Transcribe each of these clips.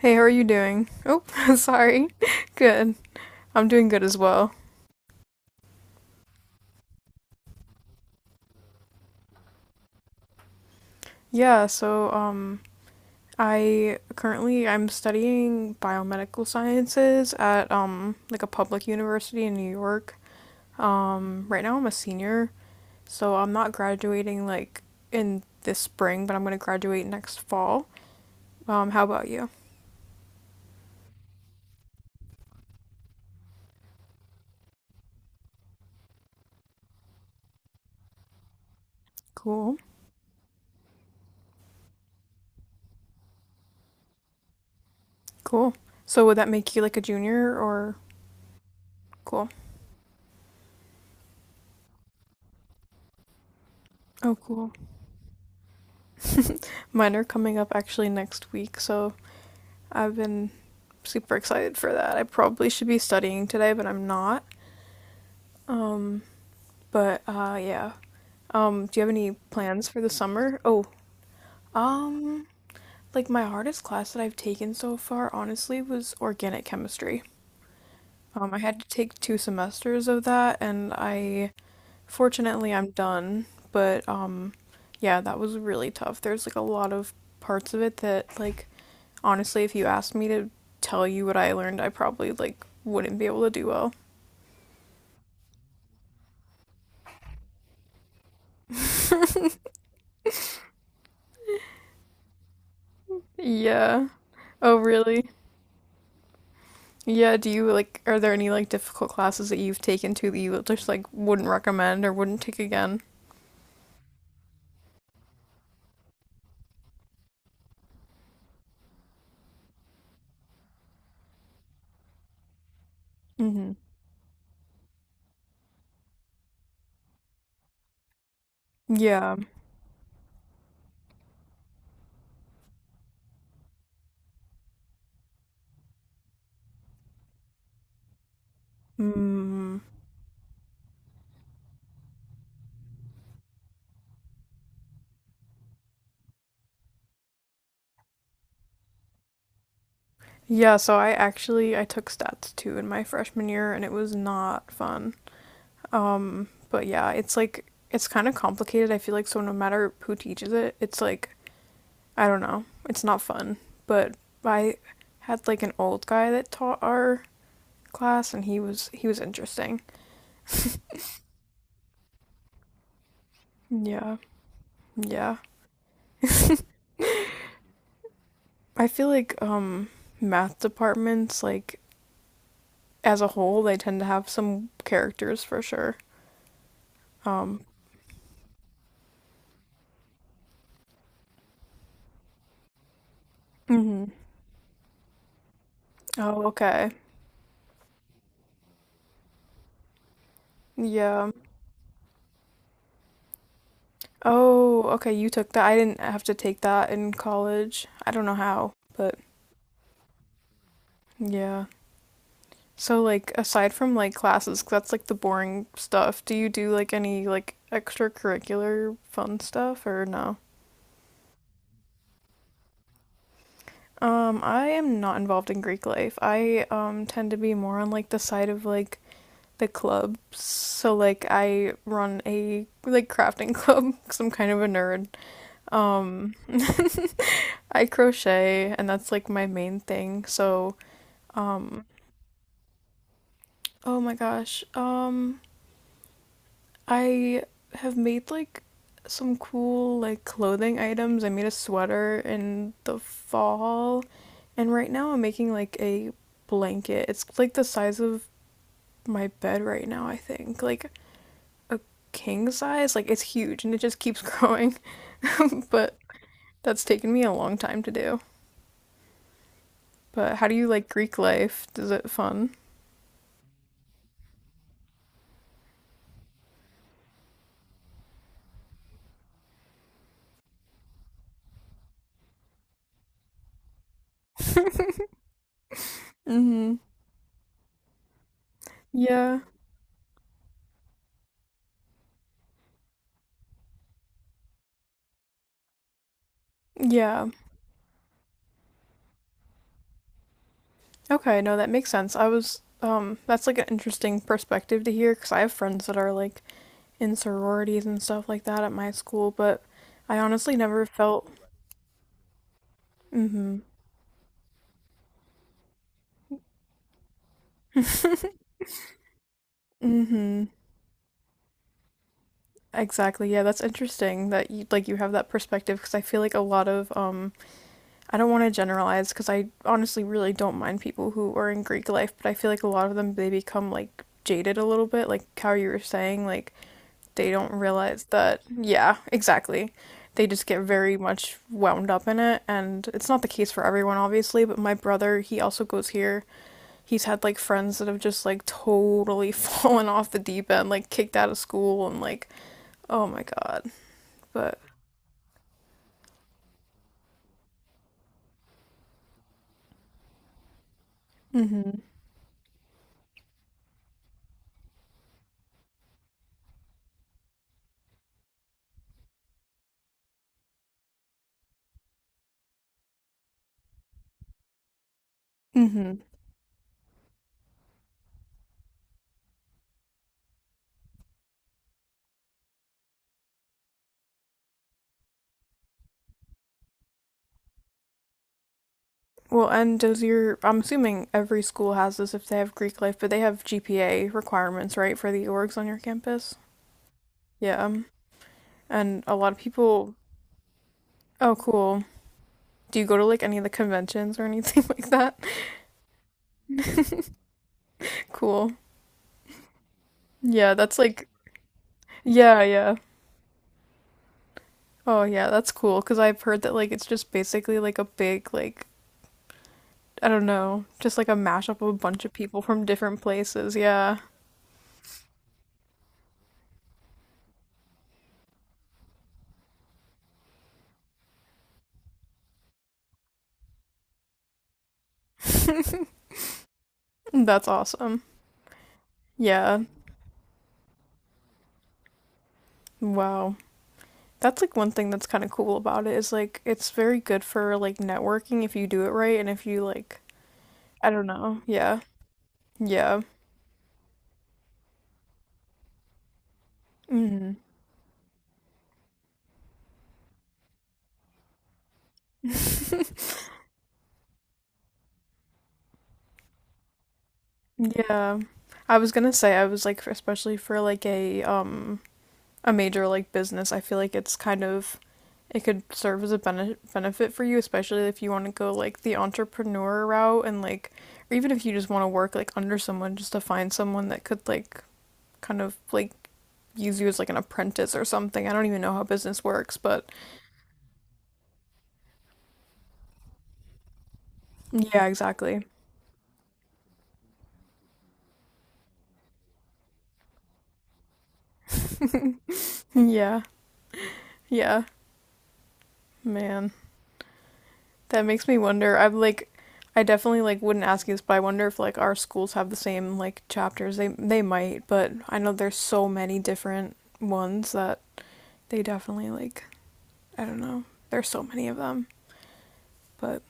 Hey, how are you doing? Oh, sorry. Good. I'm doing good as well. Yeah, so I currently I'm studying biomedical sciences at like a public university in New York. Right now I'm a senior, so I'm not graduating like in this spring, but I'm going to graduate next fall. How about you? Cool. Cool. So would that make you like a junior or cool? Oh, cool. Mine are coming up actually next week, so I've been super excited for that. I probably should be studying today, but I'm not. Um, but yeah. Do you have any plans for the summer? Oh, um, like my hardest class that I've taken so far, honestly, was organic chemistry. I had to take two semesters of that, and I fortunately I'm done. But yeah, that was really tough. There's like a lot of parts of it that, like, honestly, if you asked me to tell you what I learned, I probably like wouldn't be able to do well. Yeah. Oh, really? Yeah, do you like are there any like difficult classes that you've taken to that you just like wouldn't recommend or wouldn't take again? Hmm. Yeah. Mm. Yeah, so I actually I took stats too in my freshman year and it was not fun. But yeah, it's like it's kind of complicated. I feel like so no matter who teaches it, it's like I don't know. It's not fun. But I had like an old guy that taught our class and he was interesting. Yeah. Yeah. I feel like math departments like as a whole they tend to have some characters for sure. Um hmm. Oh, okay. Yeah. Oh, okay, you took that. I didn't have to take that in college. I don't know how, but yeah. So like aside from like classes, 'cause that's like the boring stuff. Do you do like any like extracurricular fun stuff or no? I am not involved in Greek life. I tend to be more on like the side of like the club. So like I run a like crafting club cuz I'm kind of a nerd. Um I crochet and that's like my main thing. So um oh my gosh. I have made like some cool like clothing items. I made a sweater in the fall and right now I'm making like a blanket. It's like the size of my bed right now, I think. Like a king size. Like it's huge and it just keeps growing. But that's taken me a long time to do. But how do you like Greek life? Is it fun? Mm-hmm. Yeah. Yeah. Okay, no, that makes sense. I was that's like an interesting perspective to hear because I have friends that are like in sororities and stuff like that at my school, but I honestly never felt mm-hmm. Mm-hmm. Exactly. Yeah, that's interesting that you like you have that perspective because I feel like a lot of I don't want to generalize because I honestly really don't mind people who are in Greek life, but I feel like a lot of them they become like jaded a little bit, like how you were saying, like they don't realize that, yeah, exactly. They just get very much wound up in it, and it's not the case for everyone, obviously. But my brother, he also goes here. He's had like friends that have just like totally fallen off the deep end, like kicked out of school, and like, oh my god. But, mm hmm, mm hmm. Well, and does your, I'm assuming every school has this if they have Greek life, but they have GPA requirements, right, for the orgs on your campus? Yeah. And a lot of people, oh, cool. Do you go to like any of the conventions or anything like that? Cool. Yeah, that's like, yeah, yeah. Oh, yeah, that's cool. Because I've heard that like it's just basically like a big, like, I don't know, just like a mashup of a bunch of people from different places. Yeah. That's awesome. Yeah. Wow. That's like one thing that's kind of cool about it is like it's very good for like networking if you do it right and if you like I don't know. Yeah. Yeah. Hmm. Yeah. I was gonna say I was like especially for like a major like business, I feel like it's kind of it could serve as a benefit for you, especially if you want to go like the entrepreneur route and like or even if you just want to work like under someone just to find someone that could like kind of like use you as like an apprentice or something. I don't even know how business works, but yeah, exactly. Yeah. Yeah. Man. That makes me wonder. I'm like I definitely like wouldn't ask you this, but I wonder if like our schools have the same like chapters. They might, but I know there's so many different ones that they definitely like I don't know. There's so many of them, but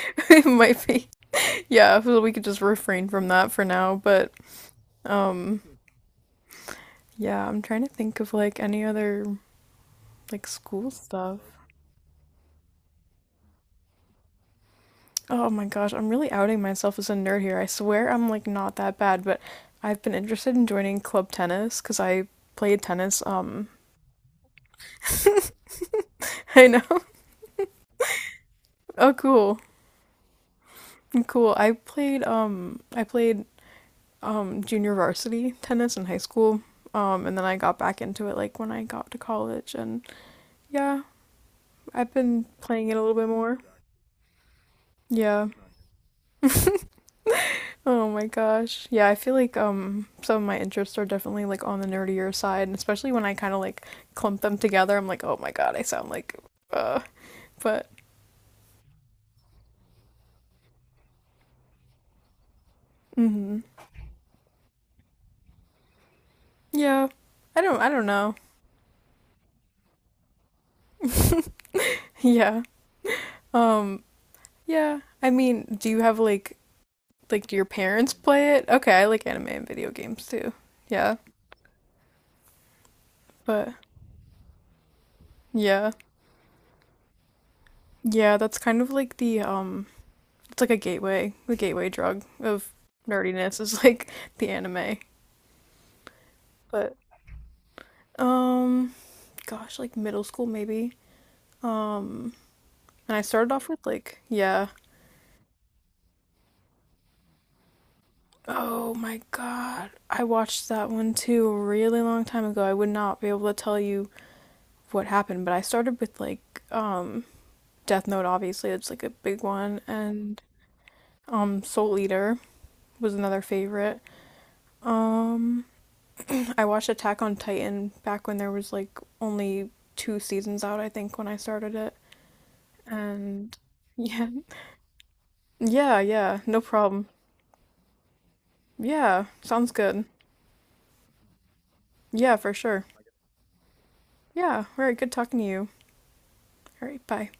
it might be. Yeah, so we could just refrain from that for now, but yeah, I'm trying to think of like any other like school stuff. Oh my gosh, I'm really outing myself as a nerd here. I swear I'm like not that bad, but I've been interested in joining club tennis because I played tennis. I know. Oh, cool, cool. I played junior varsity tennis in high school. And then I got back into it like when I got to college, and yeah, I've been playing it a little bit more. Yeah. Oh my gosh. Yeah, I feel like some of my interests are definitely like on the nerdier side, and especially when I kind of like clump them together, I'm like, "Oh my God, I sound like uh." But mhm. Yeah. I don't know. Yeah. Um yeah. I mean, do you have like do your parents play it? Okay, I like anime and video games too. Yeah. But yeah. Yeah, that's kind of like the it's like a gateway, the gateway drug of nerdiness is like the anime. But um gosh, like middle school maybe. Um, and I started off with like, yeah. Oh my God. I watched that one too a really long time ago. I would not be able to tell you what happened, but I started with like Death Note obviously, it's like a big one and Soul Eater was another favorite. I watched Attack on Titan back when there was like only two seasons out, I think, when I started it. And yeah. Yeah, yeah, no problem. Yeah, sounds good. Yeah, for sure. Yeah. All right. Good talking to you. All right. Bye.